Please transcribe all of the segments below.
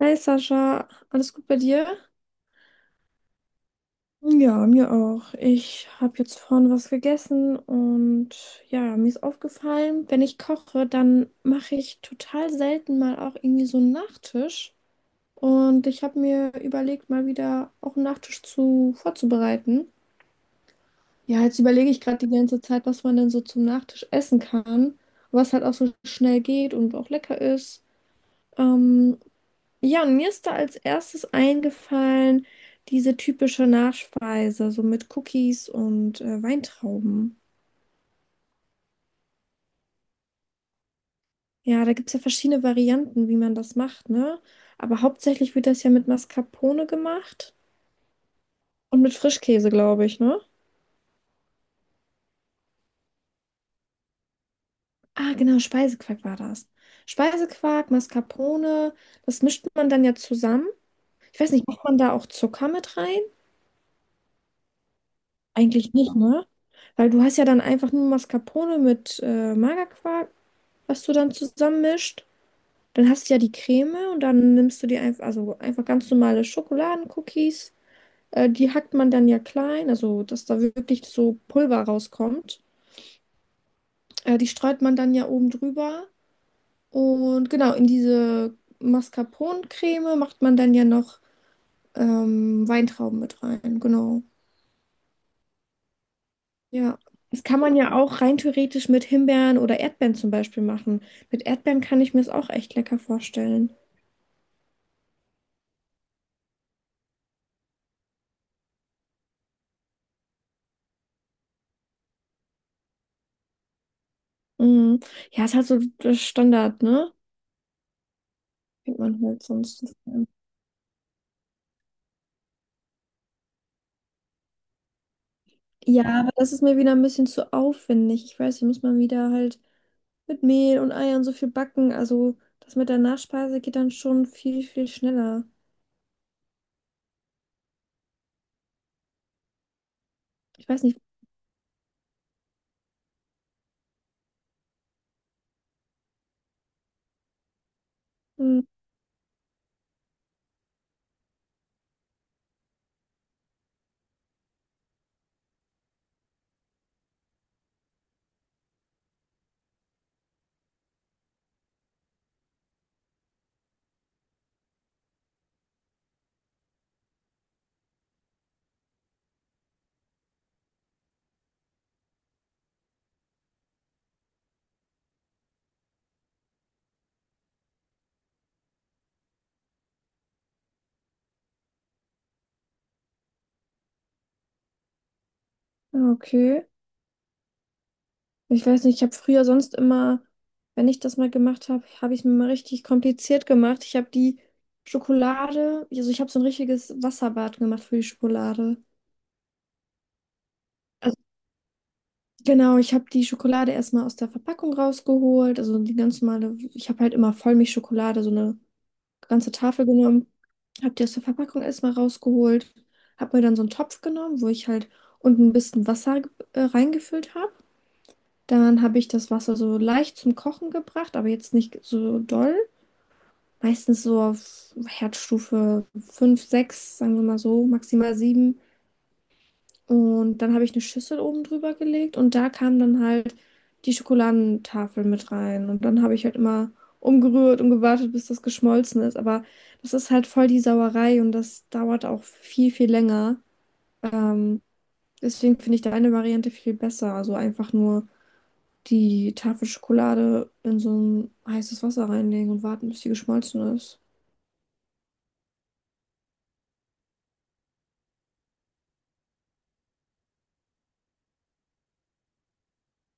Hey Sascha, alles gut bei dir? Ja, mir auch. Ich habe jetzt vorhin was gegessen und ja, mir ist aufgefallen, wenn ich koche, dann mache ich total selten mal auch irgendwie so einen Nachtisch. Und ich habe mir überlegt, mal wieder auch einen Nachtisch zu vorzubereiten. Ja, jetzt überlege ich gerade die ganze Zeit, was man denn so zum Nachtisch essen kann, was halt auch so schnell geht und auch lecker ist. Ähm, Ja, und mir ist da als erstes eingefallen, diese typische Nachspeise, so mit Cookies und Weintrauben. Ja, da gibt es ja verschiedene Varianten, wie man das macht, ne? Aber hauptsächlich wird das ja mit Mascarpone gemacht und mit Frischkäse, glaube ich, ne? Ah, genau, Speisequark war das. Speisequark, Mascarpone, das mischt man dann ja zusammen. Ich weiß nicht, macht man da auch Zucker mit rein? Eigentlich nicht, ne? Weil du hast ja dann einfach nur Mascarpone mit Magerquark, was du dann zusammenmischt. Dann hast du ja die Creme und dann nimmst du die einfach, also einfach ganz normale Schokoladencookies. Die hackt man dann ja klein, also dass da wirklich so Pulver rauskommt. Die streut man dann ja oben drüber. Und genau, in diese Mascarpone-Creme macht man dann ja noch Weintrauben mit rein. Genau. Ja. Das kann man ja auch rein theoretisch mit Himbeeren oder Erdbeeren zum Beispiel machen. Mit Erdbeeren kann ich mir es auch echt lecker vorstellen. Mhm. Ja, ist halt so der Standard, ne? Fängt man halt sonst nicht an. Ja, aber das ist mir wieder ein bisschen zu aufwendig. Ich weiß, hier muss man wieder halt mit Mehl und Eiern so viel backen. Also das mit der Nachspeise geht dann schon viel, viel schneller. Ich weiß nicht. Mhm. Ah, okay. Ich weiß nicht, ich habe früher sonst immer, wenn ich das mal gemacht habe, habe ich es mir mal richtig kompliziert gemacht. Ich habe die Schokolade, also ich habe so ein richtiges Wasserbad gemacht für die Schokolade. Also genau, ich habe die Schokolade erstmal aus der Verpackung rausgeholt, also die ganz normale, ich habe halt immer Vollmilchschokolade, so eine ganze Tafel genommen, habe die aus der Verpackung erstmal rausgeholt, habe mir dann so einen Topf genommen, wo ich halt unten ein bisschen Wasser reingefüllt habe. Dann habe ich das Wasser so leicht zum Kochen gebracht, aber jetzt nicht so doll. Meistens so auf Herdstufe 5 6, sagen wir mal so, maximal 7. Und dann habe ich eine Schüssel oben drüber gelegt und da kam dann halt die Schokoladentafel mit rein. Und dann habe ich halt immer umgerührt und gewartet, bis das geschmolzen ist. Aber das ist halt voll die Sauerei und das dauert auch viel, viel länger. Ähm, Deswegen finde ich deine Variante viel besser. Also einfach nur die Tafel Schokolade in so ein heißes Wasser reinlegen und warten, bis sie geschmolzen ist.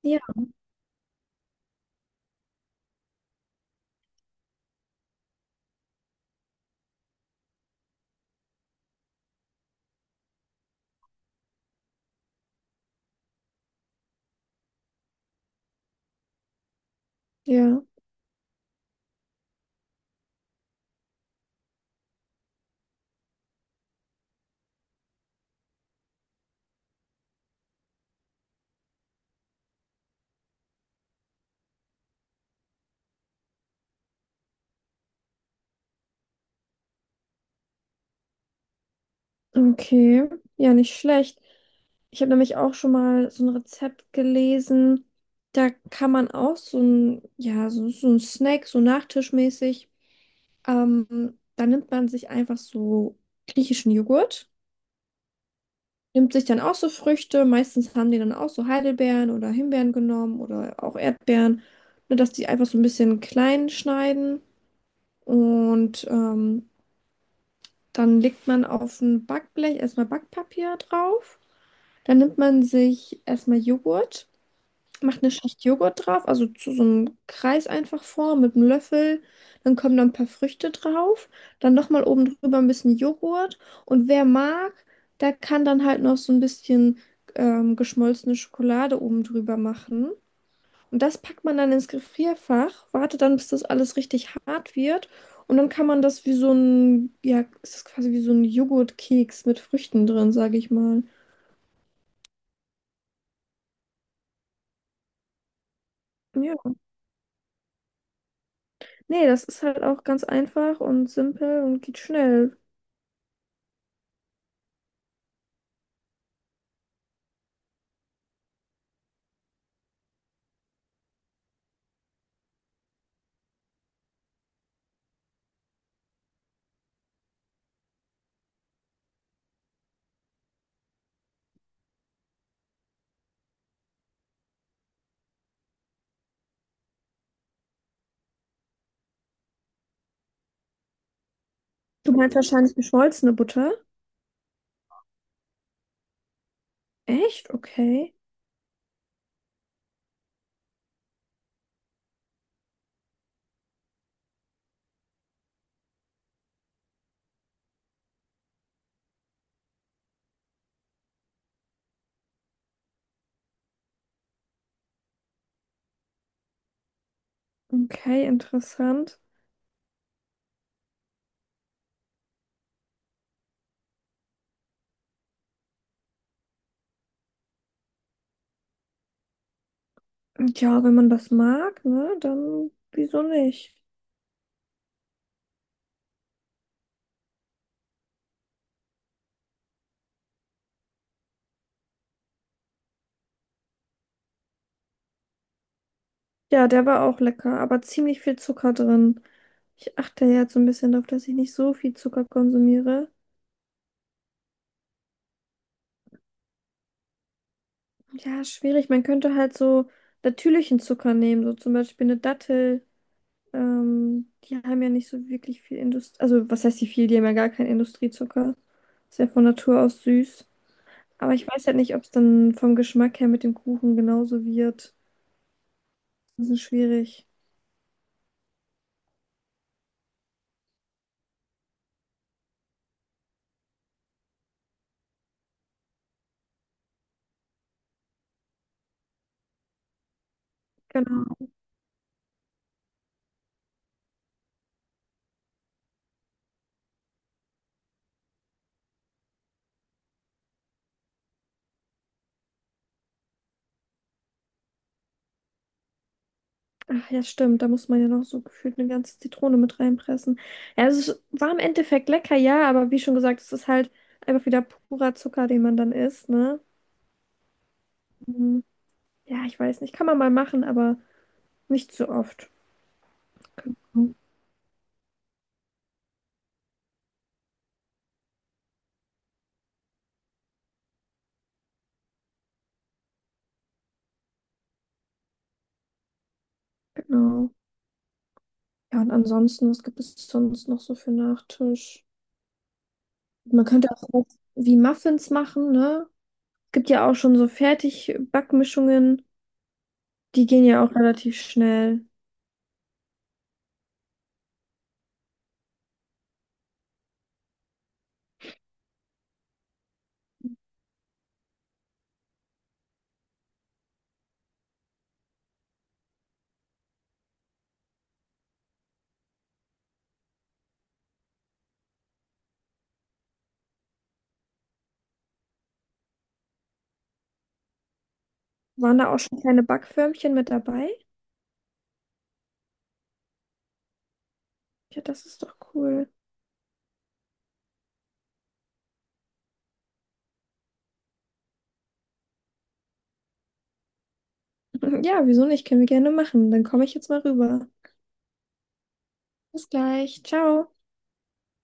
Ja. Ja, okay. Ja, nicht schlecht. Ich habe nämlich auch schon mal so ein Rezept gelesen. Da kann man auch so ein, ja, so ein Snack, so nachtischmäßig. Da nimmt man sich einfach so griechischen Joghurt, nimmt sich dann auch so Früchte. Meistens haben die dann auch so Heidelbeeren oder Himbeeren genommen oder auch Erdbeeren, nur dass die einfach so ein bisschen klein schneiden. Und dann legt man auf ein Backblech erstmal Backpapier drauf. Dann nimmt man sich erstmal Joghurt, macht eine Schicht Joghurt drauf, also zu so einem Kreis einfach formen mit einem Löffel. Dann kommen da ein paar Früchte drauf, dann nochmal oben drüber ein bisschen Joghurt. Und wer mag, der kann dann halt noch so ein bisschen geschmolzene Schokolade oben drüber machen. Und das packt man dann ins Gefrierfach, wartet dann, bis das alles richtig hart wird. Und dann kann man das wie so ein, ja, es ist quasi wie so ein Joghurtkeks mit Früchten drin, sage ich mal. Ja. Nee, das ist halt auch ganz einfach und simpel und geht schnell. Du meinst wahrscheinlich geschmolzene Butter? Echt? Okay. Okay, interessant. Ja, wenn man das mag, ne, dann wieso nicht? Ja, der war auch lecker, aber ziemlich viel Zucker drin. Ich achte ja jetzt so ein bisschen darauf, dass ich nicht so viel Zucker konsumiere. Ja, schwierig. Man könnte halt so natürlichen Zucker nehmen, so zum Beispiel eine Dattel. Die haben ja nicht so wirklich viel Industrie. Also, was heißt die viel? Die haben ja gar keinen Industriezucker. Ist ja von Natur aus süß. Aber ich weiß halt nicht, ob es dann vom Geschmack her mit dem Kuchen genauso wird. Das ist schwierig. Genau. Ach ja, stimmt. Da muss man ja noch so gefühlt eine ganze Zitrone mit reinpressen. Ja, es ist, war im Endeffekt lecker, ja, aber wie schon gesagt, es ist halt einfach wieder purer Zucker, den man dann isst, ne? Mhm. Ja, ich weiß nicht. Kann man mal machen, aber nicht so oft. Genau. Genau. Ja, und ansonsten, was gibt es sonst noch so für Nachtisch? Man könnte auch was wie Muffins machen, ne? Es gibt ja auch schon so Fertigbackmischungen. Die gehen ja auch relativ schnell. Waren da auch schon kleine Backförmchen mit dabei? Ja, das ist doch cool. Ja, wieso nicht? Können wir gerne machen. Dann komme ich jetzt mal rüber. Bis gleich. Ciao.